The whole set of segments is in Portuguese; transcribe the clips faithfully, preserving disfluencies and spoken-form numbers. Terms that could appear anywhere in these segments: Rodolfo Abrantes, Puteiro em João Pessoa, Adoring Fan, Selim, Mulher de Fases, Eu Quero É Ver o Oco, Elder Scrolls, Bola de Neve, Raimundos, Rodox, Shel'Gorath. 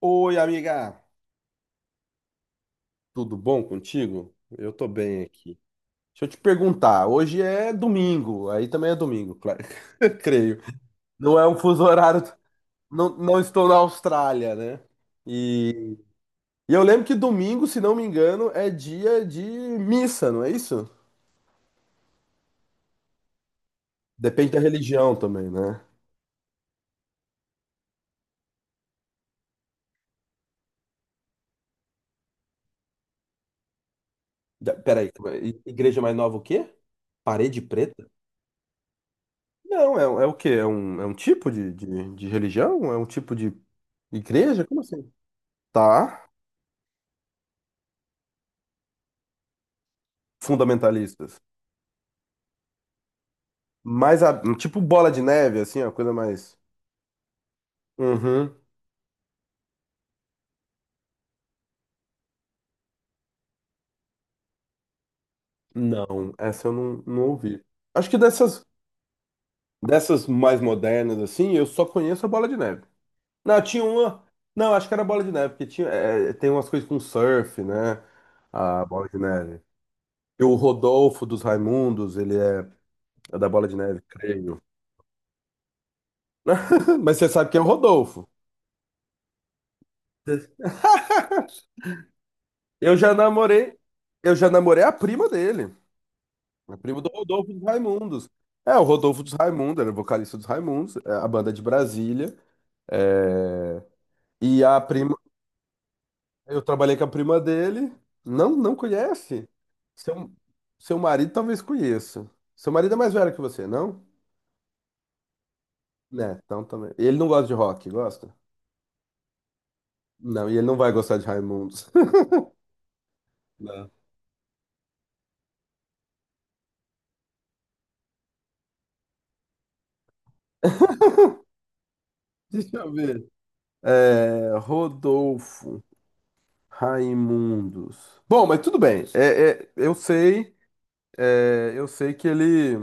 Oi, amiga, tudo bom contigo? Eu tô bem aqui. Deixa eu te perguntar, hoje é domingo, aí também é domingo, claro, creio. Não é um fuso horário, não, não estou na Austrália, né? E, e eu lembro que domingo, se não me engano, é dia de missa, não é isso? Depende da religião também, né? Da- Peraí, i- igreja mais nova o quê? Parede preta? Não, é, é o quê? É um, é um tipo de, de, de religião? É um tipo de igreja? Como assim? Tá. Fundamentalistas. Mais a- tipo bola de neve, assim, a coisa mais. Uhum. Não, essa eu não, não ouvi. Acho que dessas, dessas mais modernas, assim, eu só conheço a bola de neve. Não, tinha uma. Não, acho que era bola de neve, porque tinha, é, é, tem umas coisas com surf, né? A bola de neve. E o Rodolfo dos Raimundos, ele é, é da bola de neve, creio. Mas você sabe quem é o Rodolfo? Eu já namorei, eu já namorei a prima dele. É primo do Rodolfo dos Raimundos. É, o Rodolfo dos Raimundos, ele é vocalista dos Raimundos, é a banda de Brasília. É, e a prima, eu trabalhei com a prima dele. Não, não conhece? Seu, seu marido talvez conheça. Seu marido é mais velho que você, não? Né, então também. Ele não gosta de rock, gosta? Não, e ele não vai gostar de Raimundos. Não. Deixa eu ver. É, Rodolfo, Raimundos. Bom, mas tudo bem. É, é, eu sei, é, eu sei que ele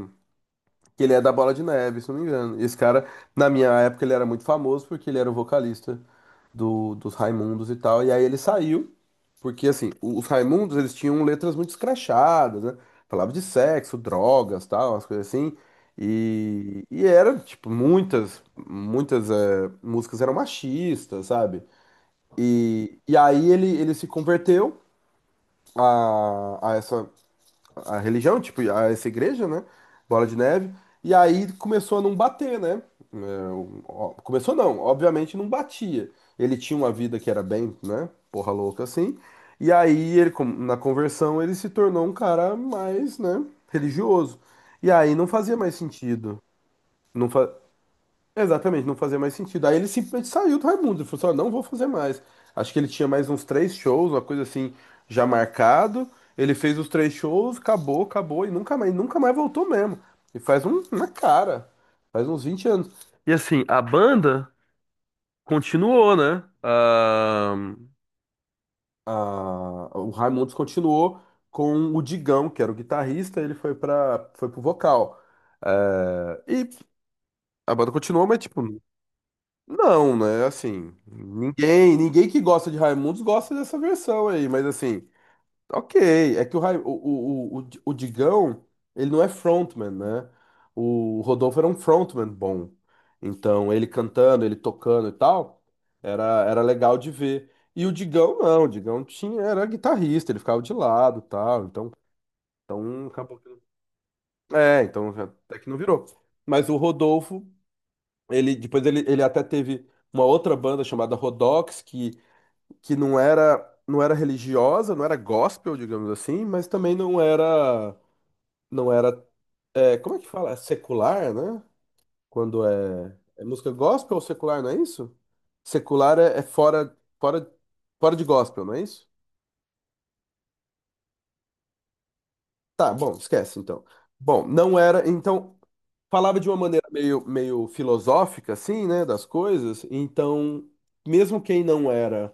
Que ele é da Bola de Neve, se não me engano. E esse cara, na minha época, ele era muito famoso porque ele era o vocalista do, dos Raimundos e tal. E aí ele saiu, porque assim, o- os Raimundos, eles tinham letras muito escrachadas, né? Falava de sexo, drogas, tal, umas coisas assim. E, e era, tipo, muitas, muitas eh, músicas eram machistas, sabe? E, e aí ele, ele se converteu a, a essa a religião, tipo, a- essa igreja, né? Bola de Neve. E aí começou a não bater, né? É, o- ó, começou não, obviamente não batia. Ele tinha uma vida que era bem, né? Porra louca assim. E aí ele, com- na conversão, ele se tornou um cara mais, né? Religioso. E aí não fazia mais sentido. Não fa... Exatamente, não fazia mais sentido. Aí ele simplesmente saiu do Raimundos, ele falou assim, ó, não vou fazer mais. Acho que ele tinha mais uns três shows, uma coisa assim, já marcado. Ele fez os três shows, acabou, acabou, e nunca mais, nunca mais voltou mesmo. E faz um, uma cara, faz uns vinte anos. E assim, a banda continuou, né? Ah, ah, o Raimundos continuou com o Digão, que era o guitarrista, ele foi para foi pro vocal. Eh, e a banda continuou, mas tipo, não, né? Assim, ninguém, ninguém que gosta de Raimundos gosta dessa versão aí, mas assim, ok. É que o, Rai- o, o, o, o Digão, ele não é frontman, né? O Rodolfo era um frontman bom. Então, ele cantando, ele tocando e tal, era, era legal de ver. E o Digão, não, o Digão tinha, era guitarrista, ele ficava de lado e tal. Então, então acabou que. É, então até que não virou. Mas o Rodolfo. Ele, depois ele, ele até teve uma outra banda chamada Rodox, que, que não era, não era religiosa, não era gospel, digamos assim, mas também não era, não era, é, como é que fala? É secular, né? Quando é, é música gospel ou secular, não é isso? Secular é, é fora, fora, fora de gospel, não é isso? Tá, bom, esquece então. Bom, não era, então, falava de uma maneira meio, meio filosófica, assim, né, das coisas, então, mesmo quem não era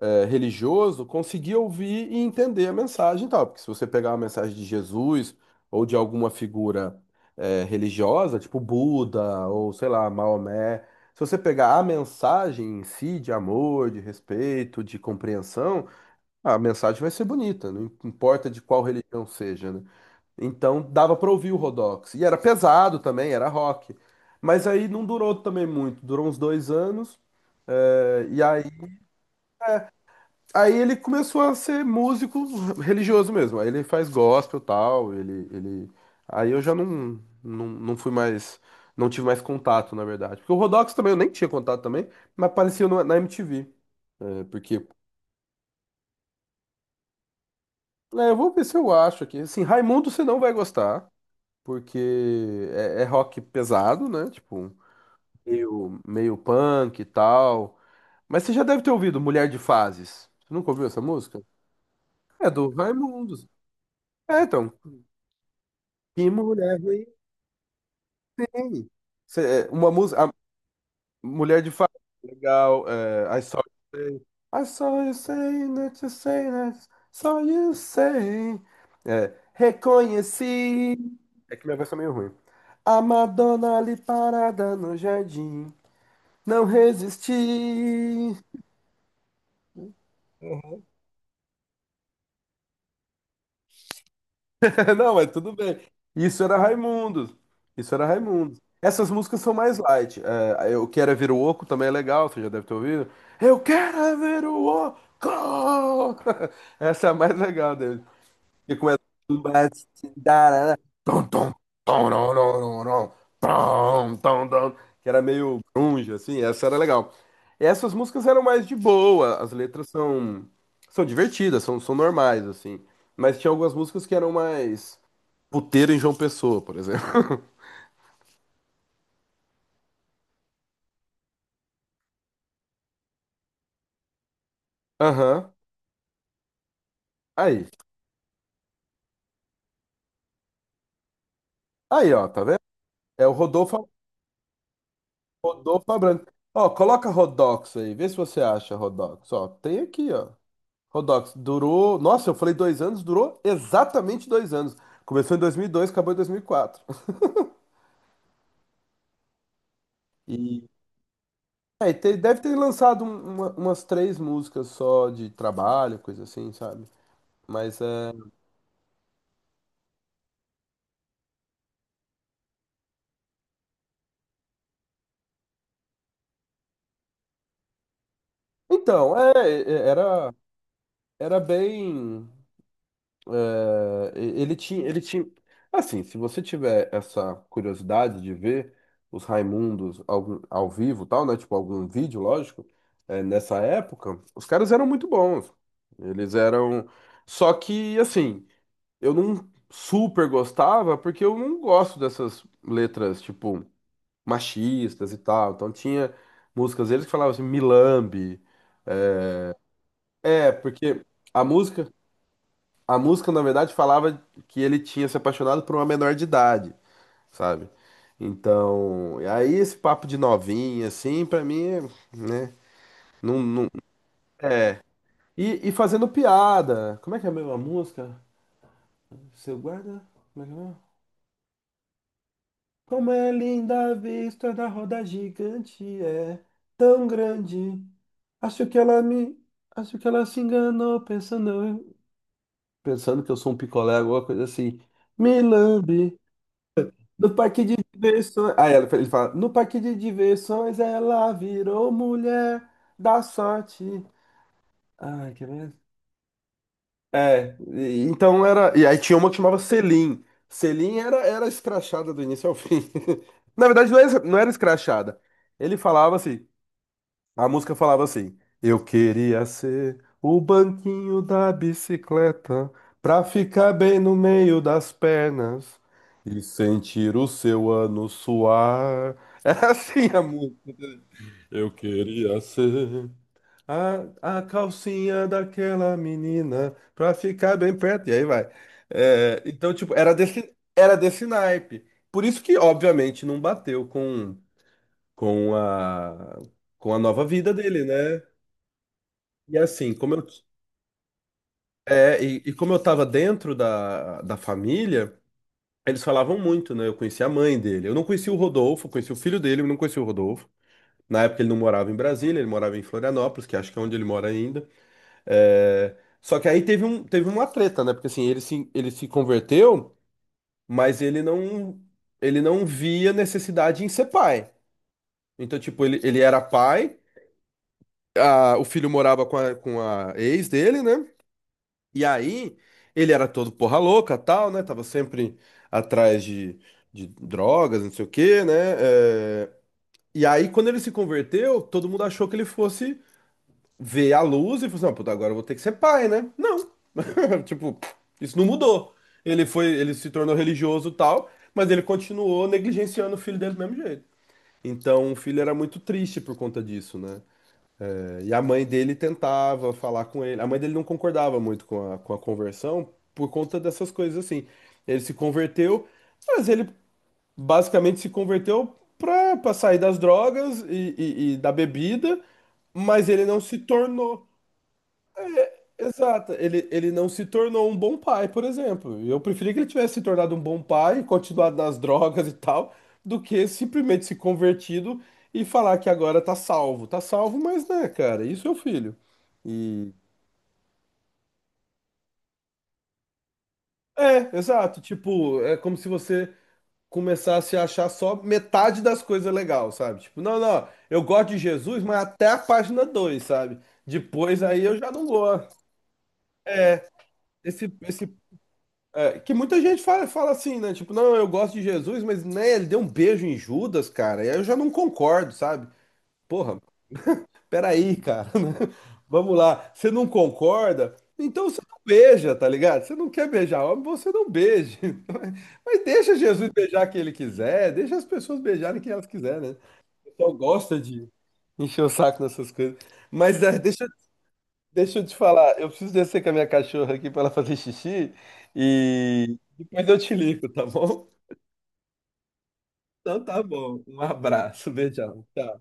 é, religioso conseguir ouvir e entender a mensagem e tal. Porque se você pegar uma mensagem de Jesus ou de alguma figura é, religiosa, tipo Buda ou sei lá, Maomé, se você pegar a mensagem em si de amor, de respeito, de compreensão, a mensagem vai ser bonita, não importa de qual religião seja, né? Então dava para ouvir o Rodox. E era pesado também, era rock. Mas aí não durou também muito, durou uns dois anos. É, e aí Aí ele começou a ser músico religioso mesmo. Aí ele faz gospel e tal, ele, ele... Aí eu já não, não, não fui mais. Não tive mais contato, na verdade. Porque o Rodox também, eu nem tinha contato também, mas aparecia no- na M T V. É, porque. É, eu vou ver se eu acho aqui. Assim, Raimundo você não vai gostar, porque é, é rock pesado, né? Tipo, meio, meio punk e tal. Mas você já deve ter ouvido Mulher de Fases. Você nunca ouviu essa música? É do Raimundos. É, então, que mulher ruim, hein? Cê- é, Uma música. A Mulher de Fato, legal. É, I saw you say. I saw you say that you say that. Saw you say. É, reconheci. É que minha voz tá meio ruim. A Madonna ali parada no jardim. Não resisti. Não, mas tudo bem. Isso era Raimundos. Isso era Raimundos. Essas músicas são mais light. É, Eu Quero É Ver o Oco também é legal, você já deve ter ouvido. Eu quero é ver o Oco! Essa é a mais legal dele. E começa. Mas se dará- Tom, tom, tom, nom, nom, nom, nom, tom, tom, tom, que era meio grunge, assim. Essa era legal. Essas músicas eram mais de boa. As letras são, são divertidas, são, são normais, assim. Mas tinha algumas músicas que eram mais. Puteiro em João Pessoa, por exemplo. Aham. Aí. Aí, ó, tá vendo? É o Rodolfo, Rodolfo Abrantes. Ó, coloca Rodox aí, vê se você acha Rodox. Ó, tem aqui, ó. Rodox durou. Nossa, eu falei dois anos, durou exatamente dois anos. Começou em dois mil e dois, acabou em dois mil E quatro. E aí, te- deve ter lançado um- uma- umas três músicas só de trabalho, coisa assim, sabe? Mas é. Então, é, é- era, era bem. É, e- ele tinha, ele tinha. Assim, se você tiver essa curiosidade de ver os Raimundos ao, ao vivo, e tal, né? Tipo, algum vídeo, lógico, é, nessa época, os caras eram muito bons. Eles eram. Só que, assim, eu não super gostava, porque eu não gosto dessas letras, tipo, machistas e tal. Então tinha músicas deles que falavam assim, milambe. É, porque a música. A música, na verdade, falava que ele tinha se apaixonado por uma menor de idade, sabe? Então, e aí esse papo de novinha, assim, pra mim, né? Não, não. E, e fazendo piada. Como é que é mesmo a música? Seu guarda? Como é que é mesmo? Como é linda a vista da roda gigante, é tão grande. Acho que ela me. Acho que ela se enganou pensando, pensando que eu sou um picolé, alguma coisa assim. Me lambe. No parque de diversões. Aí ela- ele fala: No parque de diversões ela virou mulher da sorte. Ai, que mesmo? É, e- então era. E aí tinha uma que chamava Selim. Selim era, era escrachada do início ao fim. Na verdade, não era, não era escrachada. Ele falava assim. A música falava assim: Eu queria ser o banquinho da bicicleta pra ficar bem no meio das pernas e sentir o seu ano suar. Era assim a música. Eu queria ser a, a calcinha daquela menina pra ficar bem perto. E aí vai. É, então, tipo, era desse, era desse naipe. Por isso que, obviamente, não bateu com, com a, com a nova vida dele, né? E assim, como eu, é, e, e como eu tava dentro da, da família, eles falavam muito, né? Eu conheci a mãe dele. Eu não conheci o Rodolfo, eu conheci o filho dele, eu não conheci o Rodolfo. Na época ele não morava em Brasília, ele morava em Florianópolis, que acho que é onde ele mora ainda. É, só que aí teve um, teve uma treta, né? Porque assim, ele se, ele se converteu, mas ele não, ele não via necessidade em ser pai. Então, tipo, ele, ele era pai, a- o filho morava com a, com a ex dele, né? E aí, ele era todo porra louca, tal, né? Tava sempre atrás de, de drogas, não sei o quê, né? É, e aí, quando ele se converteu, todo mundo achou que ele fosse ver a luz e falou assim, "Ah, puta, agora eu vou ter que ser pai, né? Não. Tipo, isso não mudou. Ele foi, ele se tornou religioso, tal, mas ele continuou negligenciando o filho dele do mesmo jeito. Então, o filho era muito triste por conta disso, né? E a mãe dele tentava falar com ele. A mãe dele não concordava muito com a, com a conversão por conta dessas coisas assim. Ele se converteu, mas ele basicamente se converteu pra, pra sair das drogas e, e e da bebida, mas ele não se tornou. Exato, ele, ele não se tornou um bom pai, por exemplo. Eu preferia que ele tivesse se tornado um bom pai, continuado nas drogas e tal, do que simplesmente se convertido e falar que agora tá salvo. Tá salvo, mas né, cara, isso é o filho. E. É, exato. Tipo, é como se você começasse a achar só metade das coisas legal, sabe? Tipo, não, não, eu gosto de Jesus, mas até a página dois sabe? Depois aí eu já não gosto. É Esse, esse. É, que muita gente fala, fala, assim, né? Tipo, não, eu gosto de Jesus, mas né, ele deu um beijo em Judas, cara. E aí eu já não concordo, sabe? Porra, peraí, cara. Né? Vamos lá. Você não concorda? Então você não beija, tá ligado? Você não quer beijar homem, você não beije. Mas deixa Jesus beijar quem ele quiser, deixa as pessoas beijarem quem elas quiserem, né? O pessoal gosta de encher o saco nessas coisas. Mas é, deixa, deixa eu te falar, eu preciso descer com a minha cachorra aqui para ela fazer xixi e depois eu te ligo, tá bom? Então tá bom. Um abraço, beijão. Tchau.